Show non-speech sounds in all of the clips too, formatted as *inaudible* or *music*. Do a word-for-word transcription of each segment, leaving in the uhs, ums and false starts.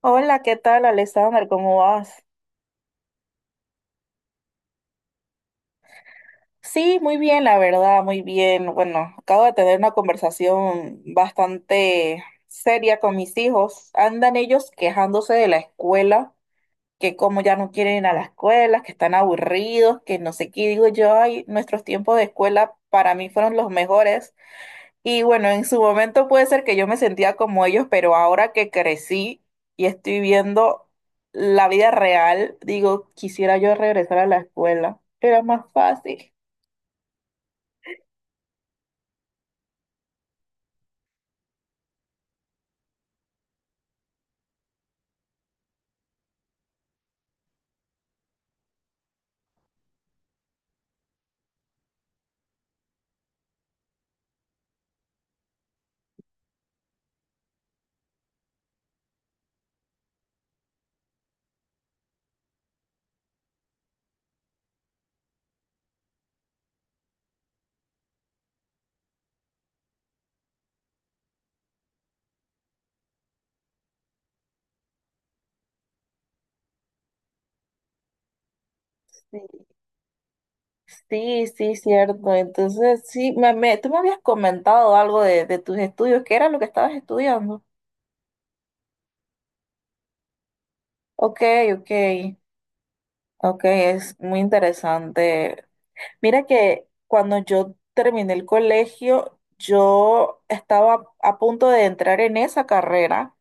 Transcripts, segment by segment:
Hola, ¿qué tal, Alexander? ¿Cómo vas? Sí, muy bien, la verdad, muy bien. Bueno, acabo de tener una conversación bastante seria con mis hijos. Andan ellos quejándose de la escuela, que como ya no quieren ir a la escuela, que están aburridos, que no sé qué. Y digo yo, ay, nuestros tiempos de escuela para mí fueron los mejores. Y bueno, en su momento puede ser que yo me sentía como ellos, pero ahora que crecí y estoy viendo la vida real, digo, quisiera yo regresar a la escuela. Era más fácil. Sí, sí, sí, cierto. Entonces, sí, me, me- tú me habías comentado algo de, de tus estudios, ¿qué era lo que estabas estudiando? Ok, ok, ok, es muy interesante. Mira que cuando yo terminé el colegio, yo estaba a punto de entrar en esa carrera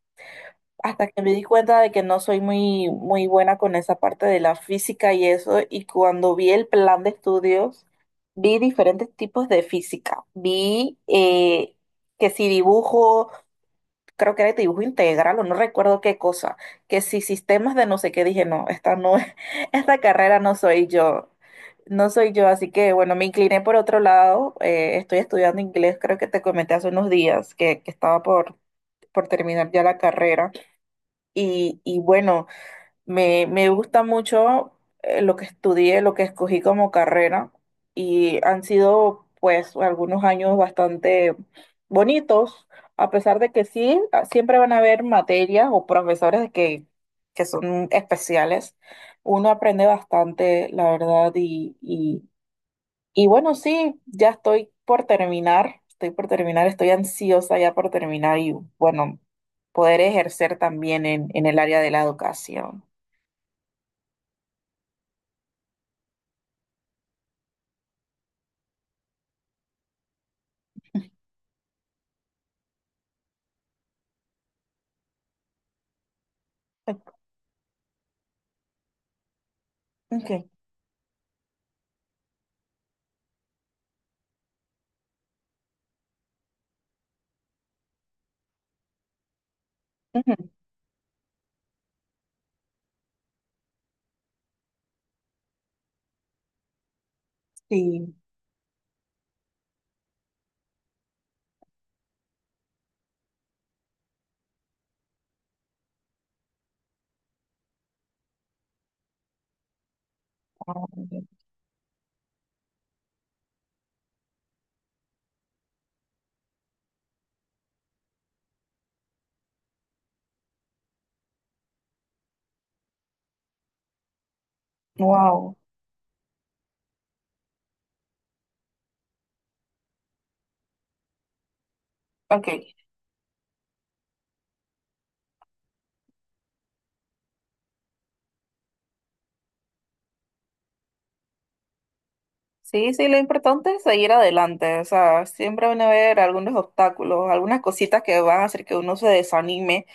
hasta que me di cuenta de que no soy muy, muy buena con esa parte de la física y eso. Y cuando vi el plan de estudios, vi diferentes tipos de física. Vi eh, que si dibujo, creo que era de dibujo integral o no recuerdo qué cosa, que si sistemas de no sé qué, dije, no, esta no es, *laughs* esta carrera no soy yo, no soy yo, así que bueno, me incliné por otro lado, eh, estoy estudiando inglés, creo que te comenté hace unos días que, que estaba por, por terminar ya la carrera y, y bueno. Me, me gusta mucho eh, lo que estudié, lo que escogí como carrera y han sido pues algunos años bastante bonitos, a pesar de que sí, ah, siempre van a haber materias o profesores que, que son especiales. Uno aprende bastante, la verdad, y, y, y bueno, sí, ya estoy por terminar, estoy por terminar, estoy ansiosa ya por terminar y bueno, poder ejercer también en en el área de la educación. Okay. Ujú. Sí. Wow. Okay. Sí, sí, lo importante es seguir adelante. O sea, siempre van a haber algunos obstáculos, algunas cositas que van a hacer que uno se desanime,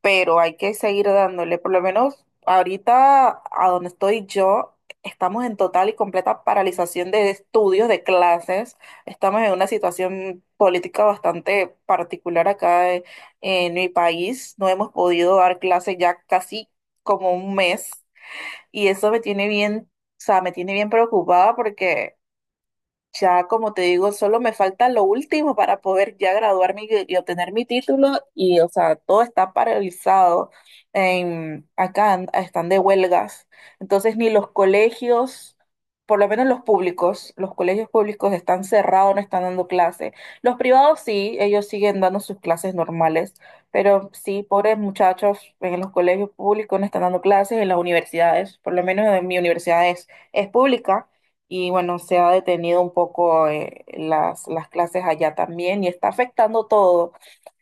pero hay que seguir dándole. Por lo menos ahorita, a donde estoy yo, estamos en total y completa paralización de estudios, de clases. Estamos en una situación política bastante particular acá en en mi país. No hemos podido dar clases ya casi como un mes. Y eso me tiene bien, o sea, me tiene bien preocupada porque ya, como te digo, solo me falta lo último para poder ya graduarme y, y obtener mi título y, o sea, todo está paralizado. En, acá an- están de huelgas. Entonces, ni los colegios, por lo menos los públicos, los colegios públicos están cerrados, no están dando clases. Los privados sí, ellos siguen dando sus clases normales, pero sí, pobres muchachos en los colegios públicos no están dando clases, en las universidades, por lo menos en mi universidad es, es pública y bueno, se ha detenido un poco eh, las, las clases allá también y está afectando todo.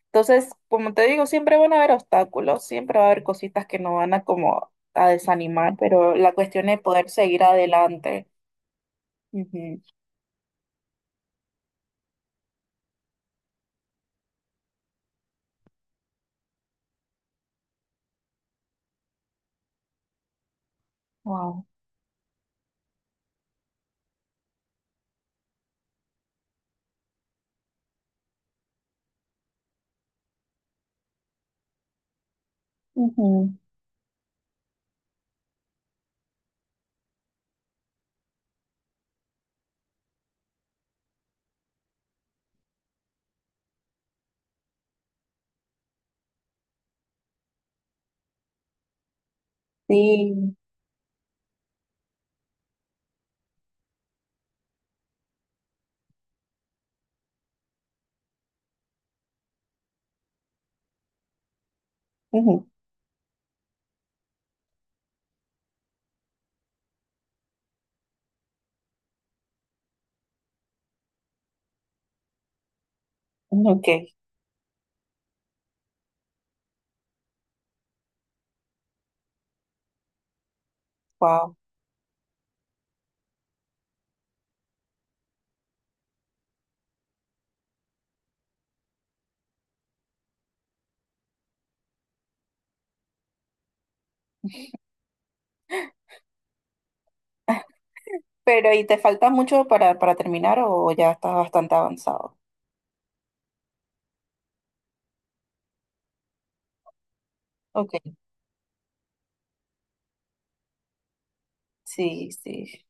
Entonces, como te digo, siempre van a haber obstáculos, siempre va a haber cositas que nos van a como a desanimar, pero la cuestión es poder seguir adelante. Ujú. Wow. Ujú. Sí. Ujú. Ok, wow. Pero, ¿y te falta mucho para, para terminar o ya estás bastante avanzado? Ok, sí, sí,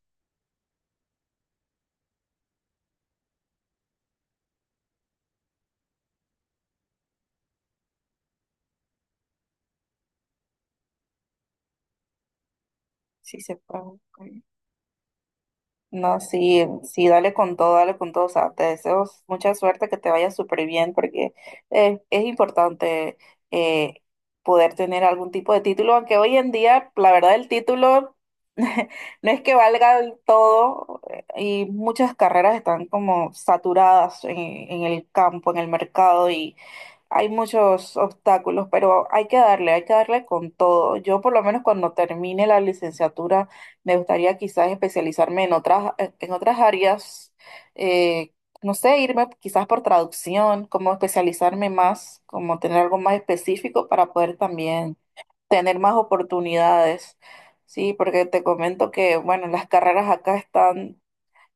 sí se puede. Ok. No, sí, sí, dale con todo, dale con todo. O sea, te deseo mucha suerte, que te vaya súper bien, porque eh, es importante eh, poder tener algún tipo de título, aunque hoy en día, la verdad, el título *laughs* no es que valga del todo eh, y muchas carreras están como saturadas en, en el campo, en el mercado hay muchos obstáculos, pero hay que darle, hay que darle con todo. Yo por lo menos cuando termine la licenciatura me gustaría quizás especializarme en otras, en otras áreas, eh, no sé, irme quizás por traducción, como especializarme más, como tener algo más específico para poder también tener más oportunidades. Sí, porque te comento que, bueno, las carreras acá están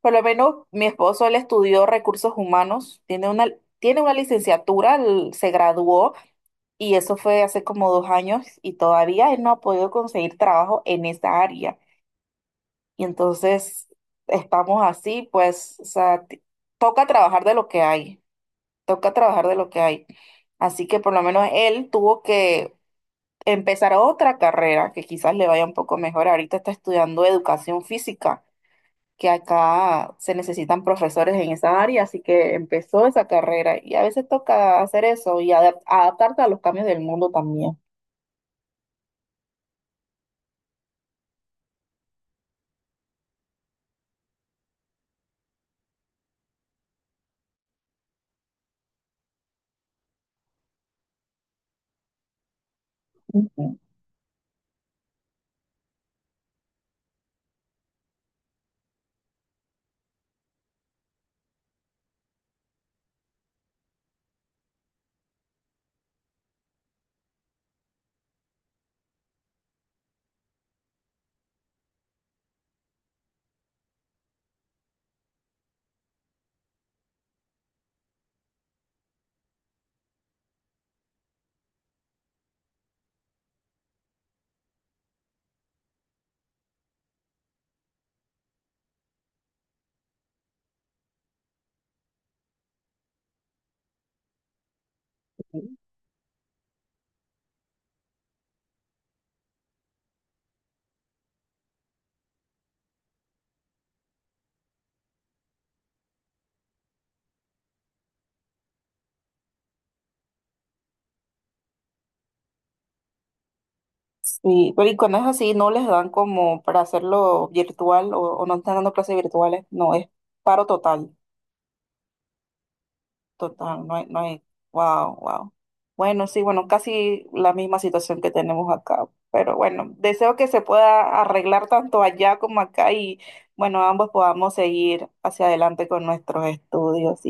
por lo menos mi esposo, él estudió recursos humanos, tiene una, tiene una licenciatura, él se graduó y eso fue hace como dos años y todavía él no ha podido conseguir trabajo en esa área. Y entonces estamos así, pues, o sea, t- toca trabajar de lo que hay, toca trabajar de lo que hay. Así que por lo menos él tuvo que empezar otra carrera que quizás le vaya un poco mejor. Ahorita está estudiando educación física que acá se necesitan profesores en esa área, así que empezó esa carrera y a veces toca hacer eso y adap- adaptarte a los cambios del mundo también. Ujú. Sí, pero y cuando es así, no les dan como para hacerlo virtual o, o no están dando clases virtuales, no, es paro total. Total, no hay, no hay, wow, wow. Bueno, sí, bueno, casi la misma situación que tenemos acá, pero bueno, deseo que se pueda arreglar tanto allá como acá y bueno, ambos podamos seguir hacia adelante con nuestros estudios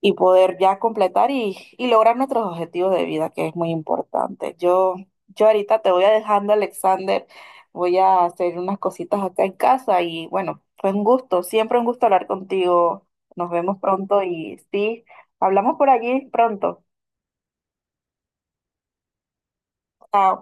y poder ya completar y, y lograr nuestros objetivos de vida, que es muy importante. Yo, yo ahorita te voy a dejando, Alexander. Voy a hacer unas cositas acá en casa y bueno, fue un gusto, siempre un gusto hablar contigo. Nos vemos pronto y sí, hablamos por allí pronto. Chao.